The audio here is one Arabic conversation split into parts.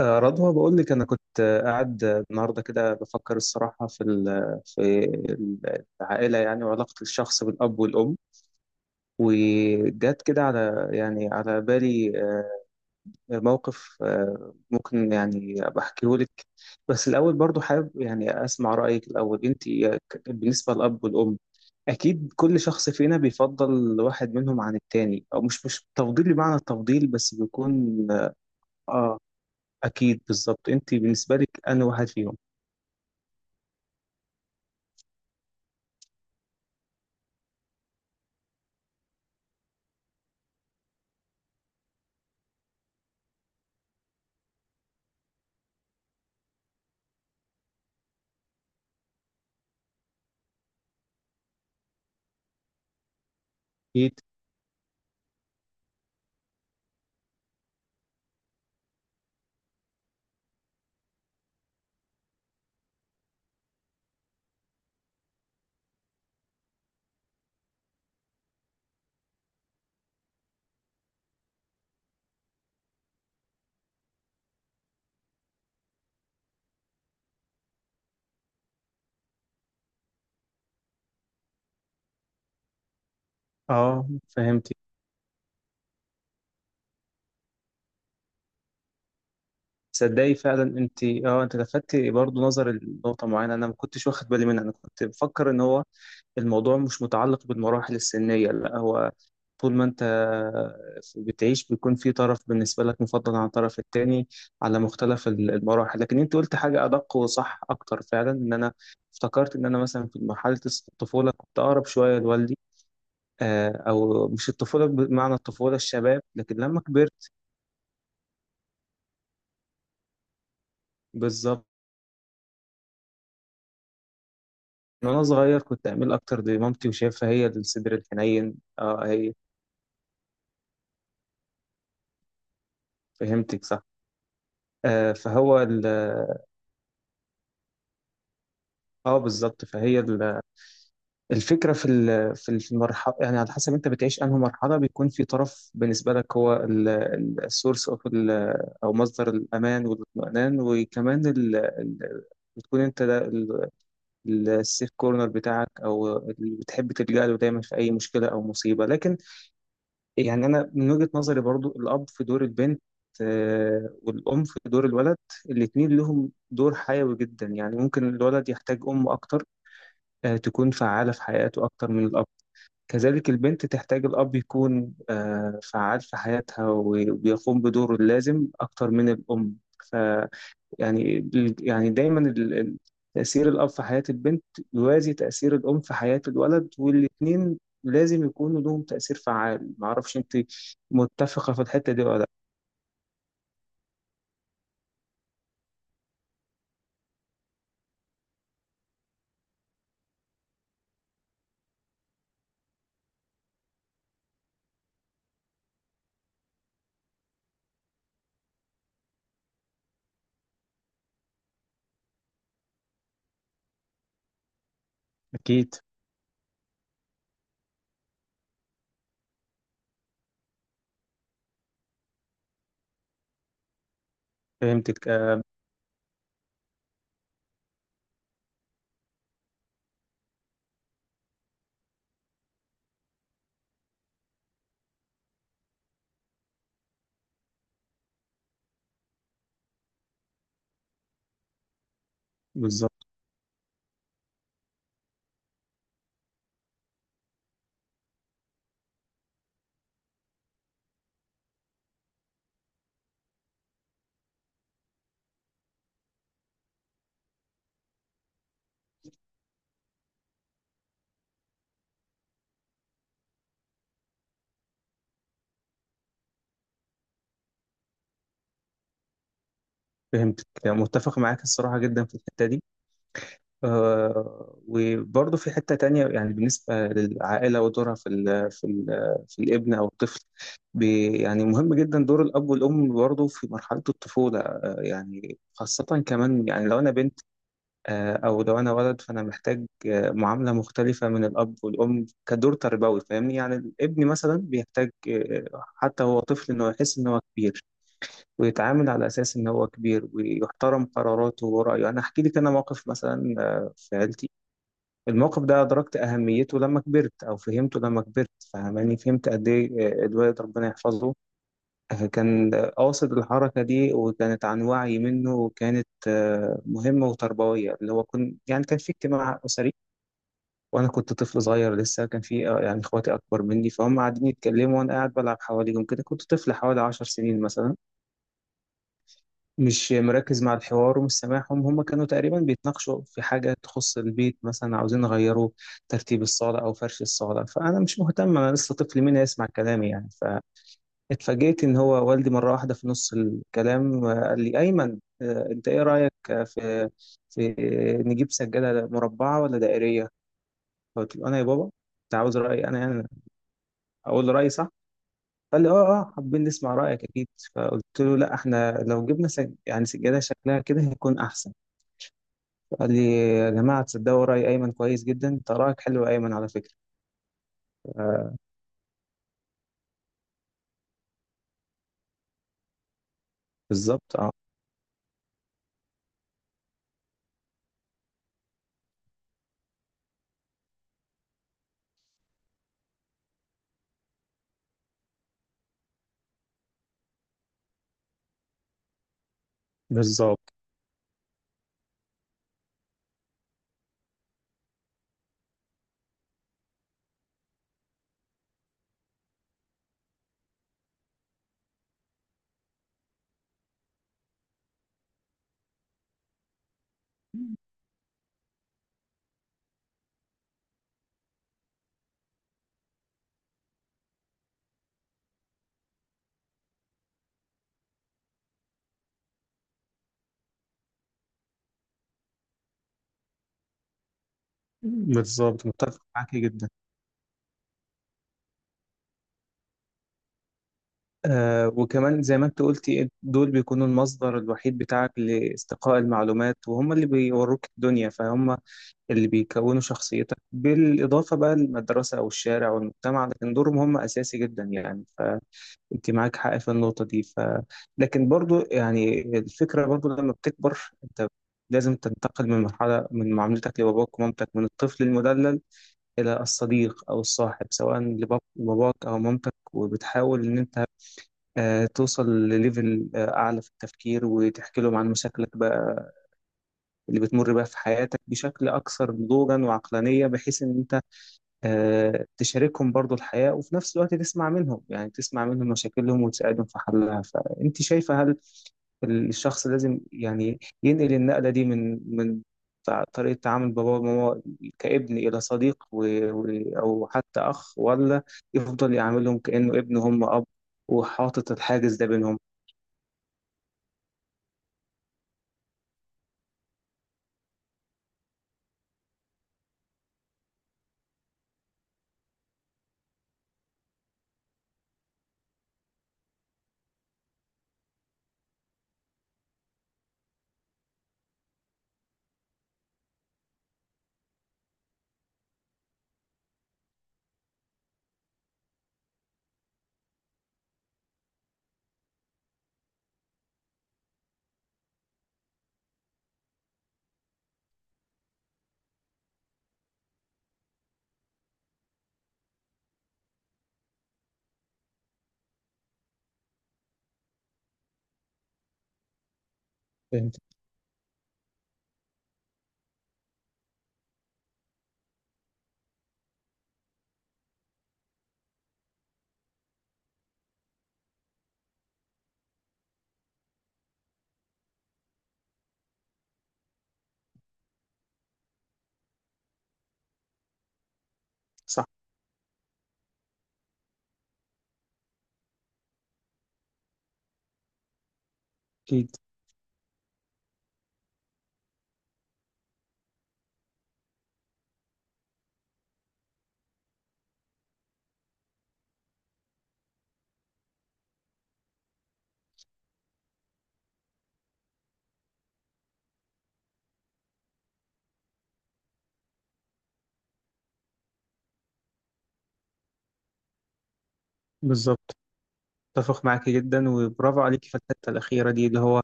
رضوى بقول لك انا كنت قاعد النهارده كده بفكر الصراحه في العائله يعني وعلاقه الشخص بالاب والام. وجات كده على بالي موقف ممكن يعني بحكيه لك، بس الاول برضو حابب يعني اسمع رايك الاول انت بالنسبه للاب والام. اكيد كل شخص فينا بيفضل واحد منهم عن التاني، او مش تفضيل بمعنى التفضيل، بس بيكون. اه. اكيد بالظبط، انت بالنسبه لك انا واحد فيهم؟ اكيد. اه. فهمتي؟ تصدقي فعلا انت لفتتي برضو نظر لنقطه معينه، انا ما كنتش واخد بالي منها. انا كنت بفكر ان هو الموضوع مش متعلق بالمراحل السنيه، لا، هو طول ما انت بتعيش بيكون في طرف بالنسبه لك مفضل عن الطرف التاني على مختلف المراحل. لكن انت قلت حاجه ادق وصح اكتر، فعلا، ان انا افتكرت ان انا مثلا في مرحله الطفوله كنت اقرب شويه لوالدي. او مش الطفوله بمعنى الطفوله، الشباب، لكن لما كبرت. بالظبط. وانا صغير كنت اميل اكتر لمامتي وشايفها هي الصدر الحنين. اه، هي. فهمتك صح. آه فهو ال- اه بالظبط، الفكره في المرحله، يعني على حسب انت بتعيش انهي مرحله بيكون في طرف بالنسبه لك هو السورس اوف، او مصدر الامان والاطمئنان، وكمان بتكون انت السيف كورنر بتاعك، او اللي بتحب تلجأ له دايما في اي مشكله او مصيبه. لكن يعني انا من وجهه نظري برضو الاب في دور البنت والام في دور الولد، الاتنين لهم دور حيوي جدا. يعني ممكن الولد يحتاج ام اكتر تكون فعاله في حياته اكتر من الاب، كذلك البنت تحتاج الاب يكون فعال في حياتها وبيقوم بدوره اللازم اكتر من الام. يعني يعني دايما تأثير الأب في حياة البنت يوازي تأثير الأم في حياة الولد، والاتنين لازم يكونوا لهم تأثير فعال. معرفش أنت متفقة في الحتة دي ولا لأ؟ أكيد. فهمتك بالظبط. فهمتك متفق معاك الصراحة جدا في الحتة دي. وبرضه في حتة تانية، يعني بالنسبة للعائلة ودورها في الابن أو الطفل، يعني مهم جدا دور الأب والأم برضه في مرحلة الطفولة. يعني خاصة كمان، يعني لو أنا بنت أو لو أنا ولد، فأنا محتاج معاملة مختلفة من الأب والأم كدور تربوي، فاهمني؟ يعني الابن مثلا بيحتاج حتى هو طفل إنه يحس إن هو كبير، ويتعامل على أساس إن هو كبير، ويحترم قراراته ورأيه. أنا أحكي لك أنا موقف مثلا في عيلتي. الموقف ده أدركت أهميته لما كبرت أو فهمته لما كبرت، فاهماني فهمت قد إيه. الوالد ربنا يحفظه كان قاصد الحركة دي، وكانت عن وعي منه، وكانت مهمة وتربوية. اللي هو يعني كان في اجتماع أسري، وأنا كنت طفل صغير لسه. كان في يعني إخواتي أكبر مني، فهم قاعدين يتكلموا وأنا قاعد بلعب حواليهم كده، كنت طفل حوالي 10 سنين مثلا، مش مركز مع الحوار ومش سامعهم. هم كانوا تقريبا بيتناقشوا في حاجة تخص البيت، مثلا عاوزين يغيروا ترتيب الصالة أو فرش الصالة، فأنا مش مهتم، أنا لسه طفل، مين هيسمع كلامي يعني؟ فاتفاجئت إن هو والدي مرة واحدة في نص الكلام قال لي: أيمن، أنت إيه رأيك في نجيب سجادة مربعة ولا دائرية؟ قلت له: أنا يا بابا؟ أنت عاوز رأيي أنا يعني؟ أقول له رأيي، صح؟ قال لي: اه، اه، حابين نسمع رأيك اكيد. فقلت له: لا، احنا لو جبنا يعني سجادة شكلها كده هيكون احسن. قال لي: يا جماعة، تصدقوا رأي أيمن كويس جدا، ده رأيك حلو يا أيمن، على فكرة. آه، بالظبط. اه، بالظبط، بالظبط. متفق معاك جدا. آه، وكمان زي ما انت قلتي، دول بيكونوا المصدر الوحيد بتاعك لاستقاء المعلومات، وهم اللي بيوروك الدنيا، فهم اللي بيكونوا شخصيتك، بالإضافة بقى للمدرسة أو الشارع والمجتمع، لكن دورهم هم أساسي جدا يعني. انت معاك حق في النقطة دي. لكن برضو يعني الفكرة، برضو لما بتكبر انت لازم تنتقل من مرحلة، من معاملتك لباباك ومامتك من الطفل المدلل إلى الصديق أو الصاحب، سواء لباباك أو مامتك، وبتحاول إن أنت توصل لليفل أعلى في التفكير، وتحكي لهم عن مشاكلك بقى اللي بتمر بيها في حياتك بشكل أكثر نضوجا وعقلانية، بحيث إن تشاركهم برضو الحياة، وفي نفس الوقت تسمع منهم، يعني تسمع منهم مشاكلهم وتساعدهم في حلها. فأنت شايفة هل الشخص لازم يعني ينقل النقلة دي من طريقة تعامل بابا وماما كابن إلى صديق، و... أو حتى أخ، ولا يفضل يعاملهم كأنه ابن هم أب، وحاطط الحاجز ده بينهم؟ فهمت، صح، أكيد، بالظبط. اتفق معاكي جدا، وبرافو عليكي في الحتة الأخيرة دي، اللي هو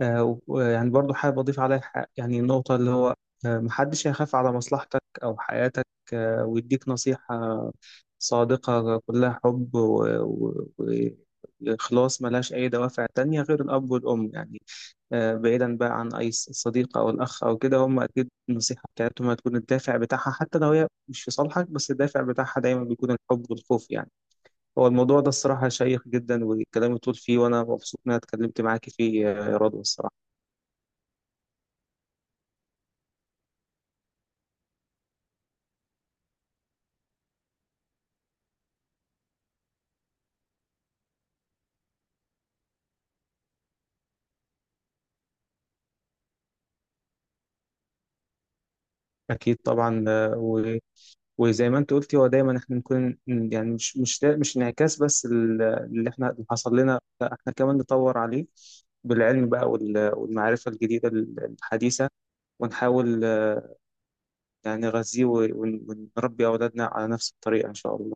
ويعني برضو حابب أضيف عليها، يعني النقطة اللي هو محدش هيخاف على مصلحتك أو حياتك ويديك نصيحة صادقة كلها حب وإخلاص، ملهاش أي دوافع تانية غير الأب والأم يعني. بعيدا بقى عن أي صديق أو الأخ أو كده، هم أكيد النصيحة بتاعتهم هتكون الدافع بتاعها، حتى لو هي مش في صالحك، بس الدافع بتاعها دايما بيكون الحب والخوف يعني. هو الموضوع ده الصراحة شيق جدا، والكلام يطول فيه، وأنا مبسوط إن أنا اتكلمت معاكي فيه يا رضوى الصراحة. أكيد طبعا. وزي ما أنت قلتي، هو دايما إحنا نكون يعني، مش دا مش انعكاس بس اللي إحنا اللي حصل لنا، لا، إحنا كمان نطور عليه بالعلم بقى والمعرفة الجديدة الحديثة، ونحاول يعني نغذيه ونربي أولادنا على نفس الطريقة إن شاء الله.